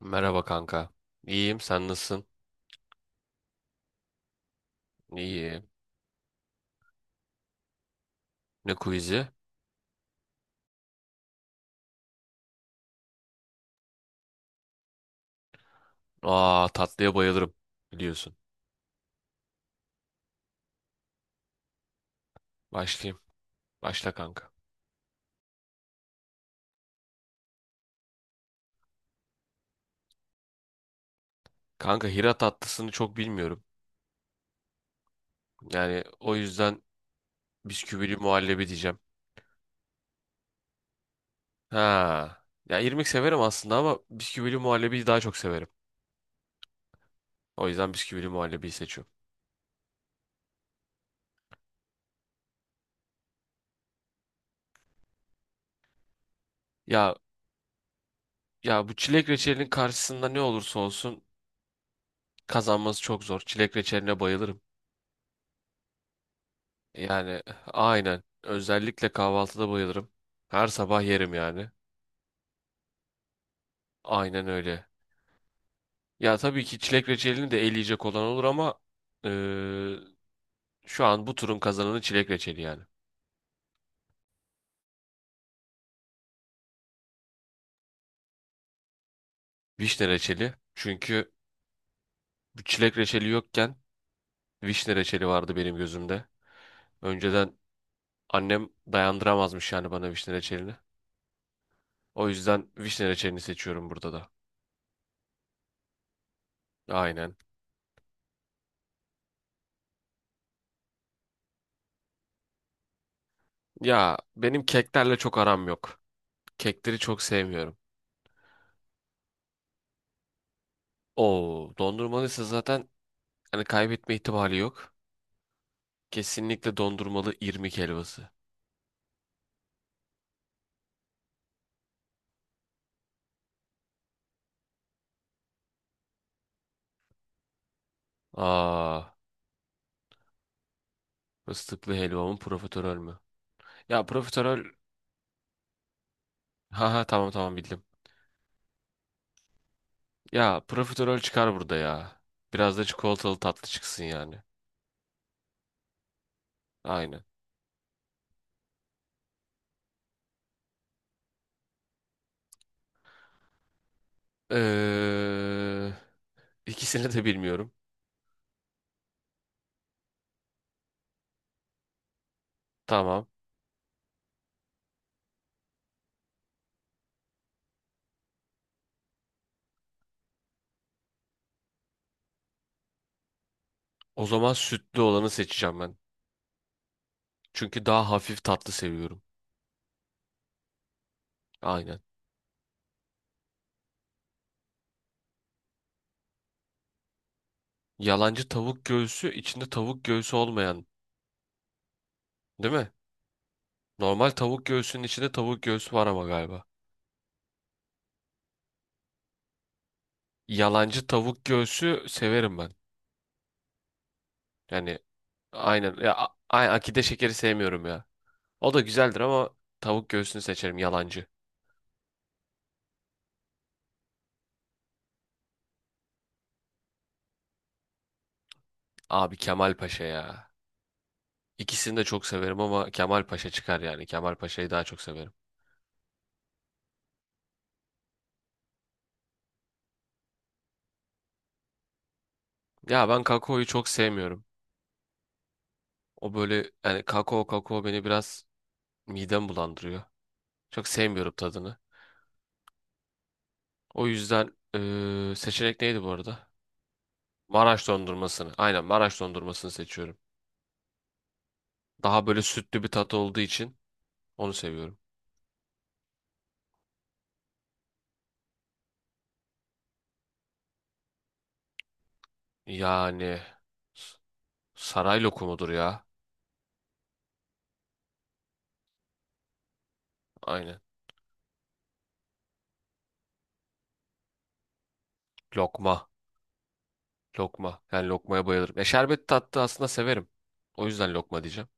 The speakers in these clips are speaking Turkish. Merhaba kanka. İyiyim, sen nasılsın? İyiyim. Ne quiz'i? Aa, tatlıya bayılırım biliyorsun. Başlayayım. Başla kanka. Kanka Hira tatlısını çok bilmiyorum. Yani o yüzden bisküvili muhallebi diyeceğim. Ha. Ya irmik severim aslında ama bisküvili muhallebiyi daha çok severim. O yüzden bisküvili muhallebiyi seçiyorum. Ya ya bu çilek reçelinin karşısında ne olursa olsun kazanması çok zor. Çilek reçeline bayılırım. Yani aynen. Özellikle kahvaltıda bayılırım. Her sabah yerim yani. Aynen öyle. Ya tabii ki çilek reçelini de eleyecek olan olur ama eee, şu an bu turun kazananı çilek reçeli yani. Vişne reçeli. Çünkü bu çilek reçeli yokken vişne reçeli vardı benim gözümde. Önceden annem dayandıramazmış yani bana vişne reçelini. O yüzden vişne reçelini seçiyorum burada da. Aynen. Ya benim keklerle çok aram yok. Kekleri çok sevmiyorum. Oo, dondurmalıysa zaten hani kaybetme ihtimali yok. Kesinlikle dondurmalı irmik helvası. Aa, fıstıklı helvamın profiterol mü? Ya profiterol, ha ha tamam tamam bildim. Ya profiterol çıkar burada ya. Biraz da çikolatalı tatlı çıksın yani. Aynen. Ee, ikisini de bilmiyorum. Tamam. O zaman sütlü olanı seçeceğim ben. Çünkü daha hafif tatlı seviyorum. Aynen. Yalancı tavuk göğsü içinde tavuk göğsü olmayan, değil mi? Normal tavuk göğsünün içinde tavuk göğsü var ama galiba. Yalancı tavuk göğsü severim ben. Yani aynen. Ya, akide şekeri sevmiyorum ya. O da güzeldir ama tavuk göğsünü seçerim yalancı. Abi Kemal Paşa ya. İkisini de çok severim ama Kemal Paşa çıkar yani. Kemal Paşa'yı daha çok severim. Ya ben kakaoyu çok sevmiyorum. O böyle yani kakao beni biraz midem bulandırıyor. Çok sevmiyorum tadını. O yüzden seçenek neydi bu arada? Maraş dondurmasını. Aynen Maraş dondurmasını seçiyorum. Daha böyle sütlü bir tat olduğu için onu seviyorum. Yani s- saray lokumudur ya. Aynen. Lokma. Lokma. Yani lokmaya bayılırım. E şerbet tatlı aslında severim. O yüzden lokma diyeceğim.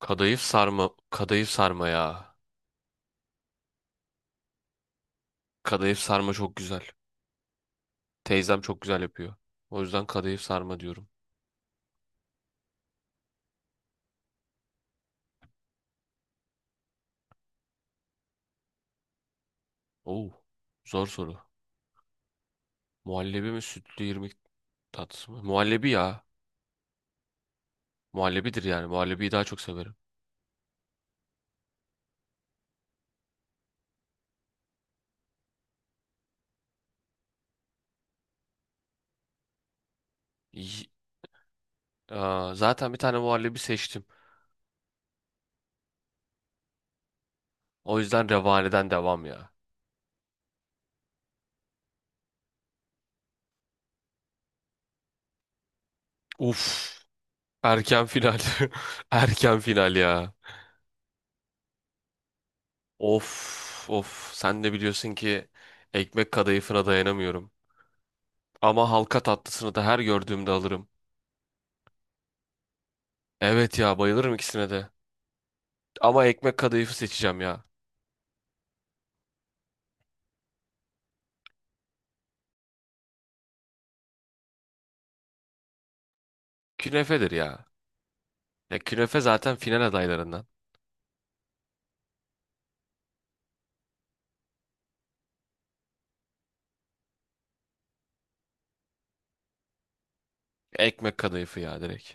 Kadayıf sarma. Kadayıf sarma ya. Kadayıf sarma çok güzel. Teyzem çok güzel yapıyor. O yüzden kadayıf sarma diyorum. Oo, zor soru. Muhallebi mi sütlü irmik tatlısı mı? Muhallebi ya. Muhallebidir yani. Muhallebiyi daha çok severim. Y- Aa, zaten bir tane muhallebi seçtim. O yüzden Revani'den devam ya. Uf. Erken final. Erken final ya. Of of. Sen de biliyorsun ki ekmek kadayıfına dayanamıyorum. Ama halka tatlısını da her gördüğümde alırım. Evet ya bayılırım ikisine de. Ama ekmek kadayıfı seçeceğim ya. Künefedir ya. Ya künefe zaten final adaylarından. Ekmek kadayıfı ya direkt.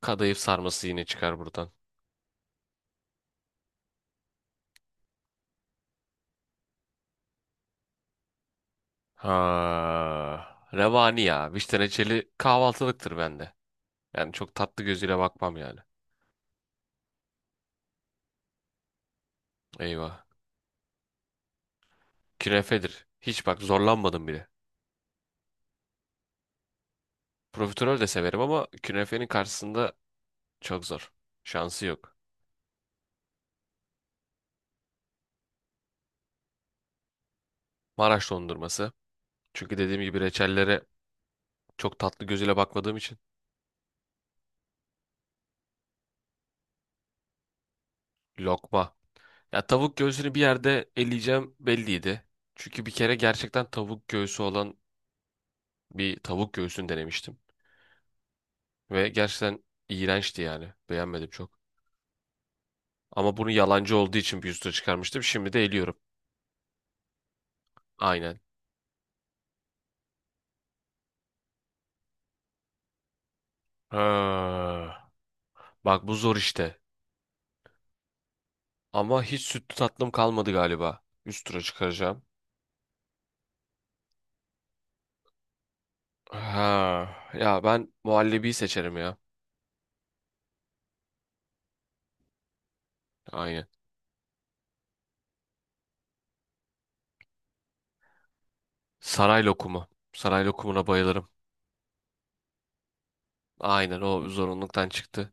Kadayıf sarması yine çıkar buradan. Ha. Revani ya. Vişne reçeli kahvaltılıktır bende. Yani çok tatlı gözüyle bakmam yani. Eyvah. Künefedir. Hiç bak zorlanmadım bile. Profiterol de severim ama künefenin karşısında çok zor. Şansı yok. Maraş dondurması. Çünkü dediğim gibi reçellere çok tatlı gözüyle bakmadığım için. Lokma. Ya tavuk göğsünü bir yerde eleyeceğim belliydi. Çünkü bir kere gerçekten tavuk göğsü olan bir tavuk göğsünü denemiştim. Ve gerçekten iğrençti yani. Beğenmedim çok. Ama bunu yalancı olduğu için bir üstüne çıkarmıştım. Şimdi de eliyorum. Aynen. Ha. Bak bu zor işte. Ama hiç sütlü tatlım kalmadı galiba. Üst tura çıkaracağım. Ha, ya ben muhallebiyi seçerim ya. Aynen. Saray lokumu. Saray lokumuna bayılırım. Aynen o zorunluluktan çıktı.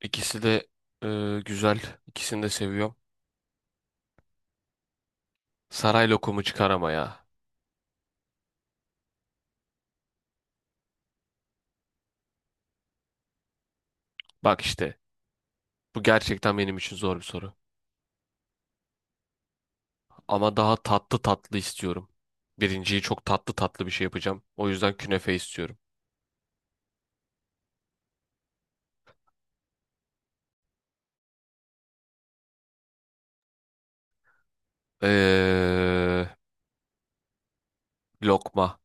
İkisi de güzel. İkisini de seviyorum. Saray lokumu çıkar ama ya. Bak işte bu gerçekten benim için zor bir soru. Ama daha tatlı tatlı istiyorum. Birinciyi çok tatlı tatlı bir şey yapacağım. O yüzden künefe istiyorum. Ee, lokma.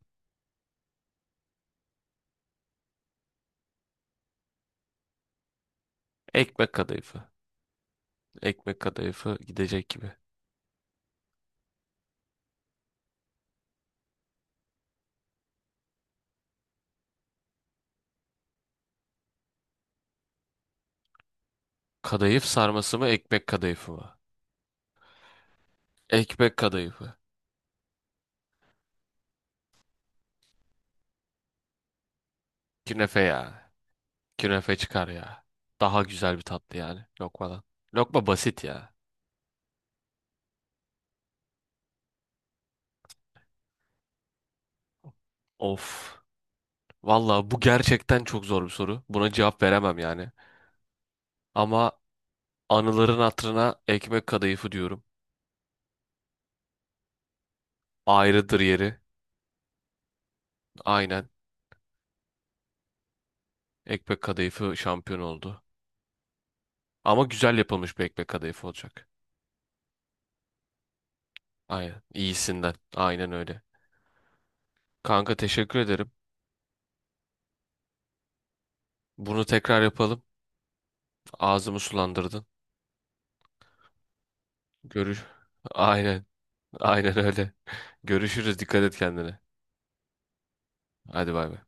Ekmek kadayıfı. Ekmek kadayıfı gidecek gibi. Kadayıf sarması mı ekmek kadayıfı mı? Ekmek kadayıfı. Künefe ya. Künefe çıkar ya. Daha güzel bir tatlı yani lokmadan. Lokma basit ya. Of. Valla bu gerçekten çok zor bir soru. Buna cevap veremem yani. Ama anıların hatırına ekmek kadayıfı diyorum. Ayrıdır yeri. Aynen. Ekmek kadayıfı şampiyon oldu. Ama güzel yapılmış bir ekmek kadayıfı olacak. Aynen. İyisinden. Aynen öyle. Kanka teşekkür ederim. Bunu tekrar yapalım. Ağzımı sulandırdın. Görüş. Aynen. Aynen öyle. Görüşürüz. Dikkat et kendine. Hadi bay bay.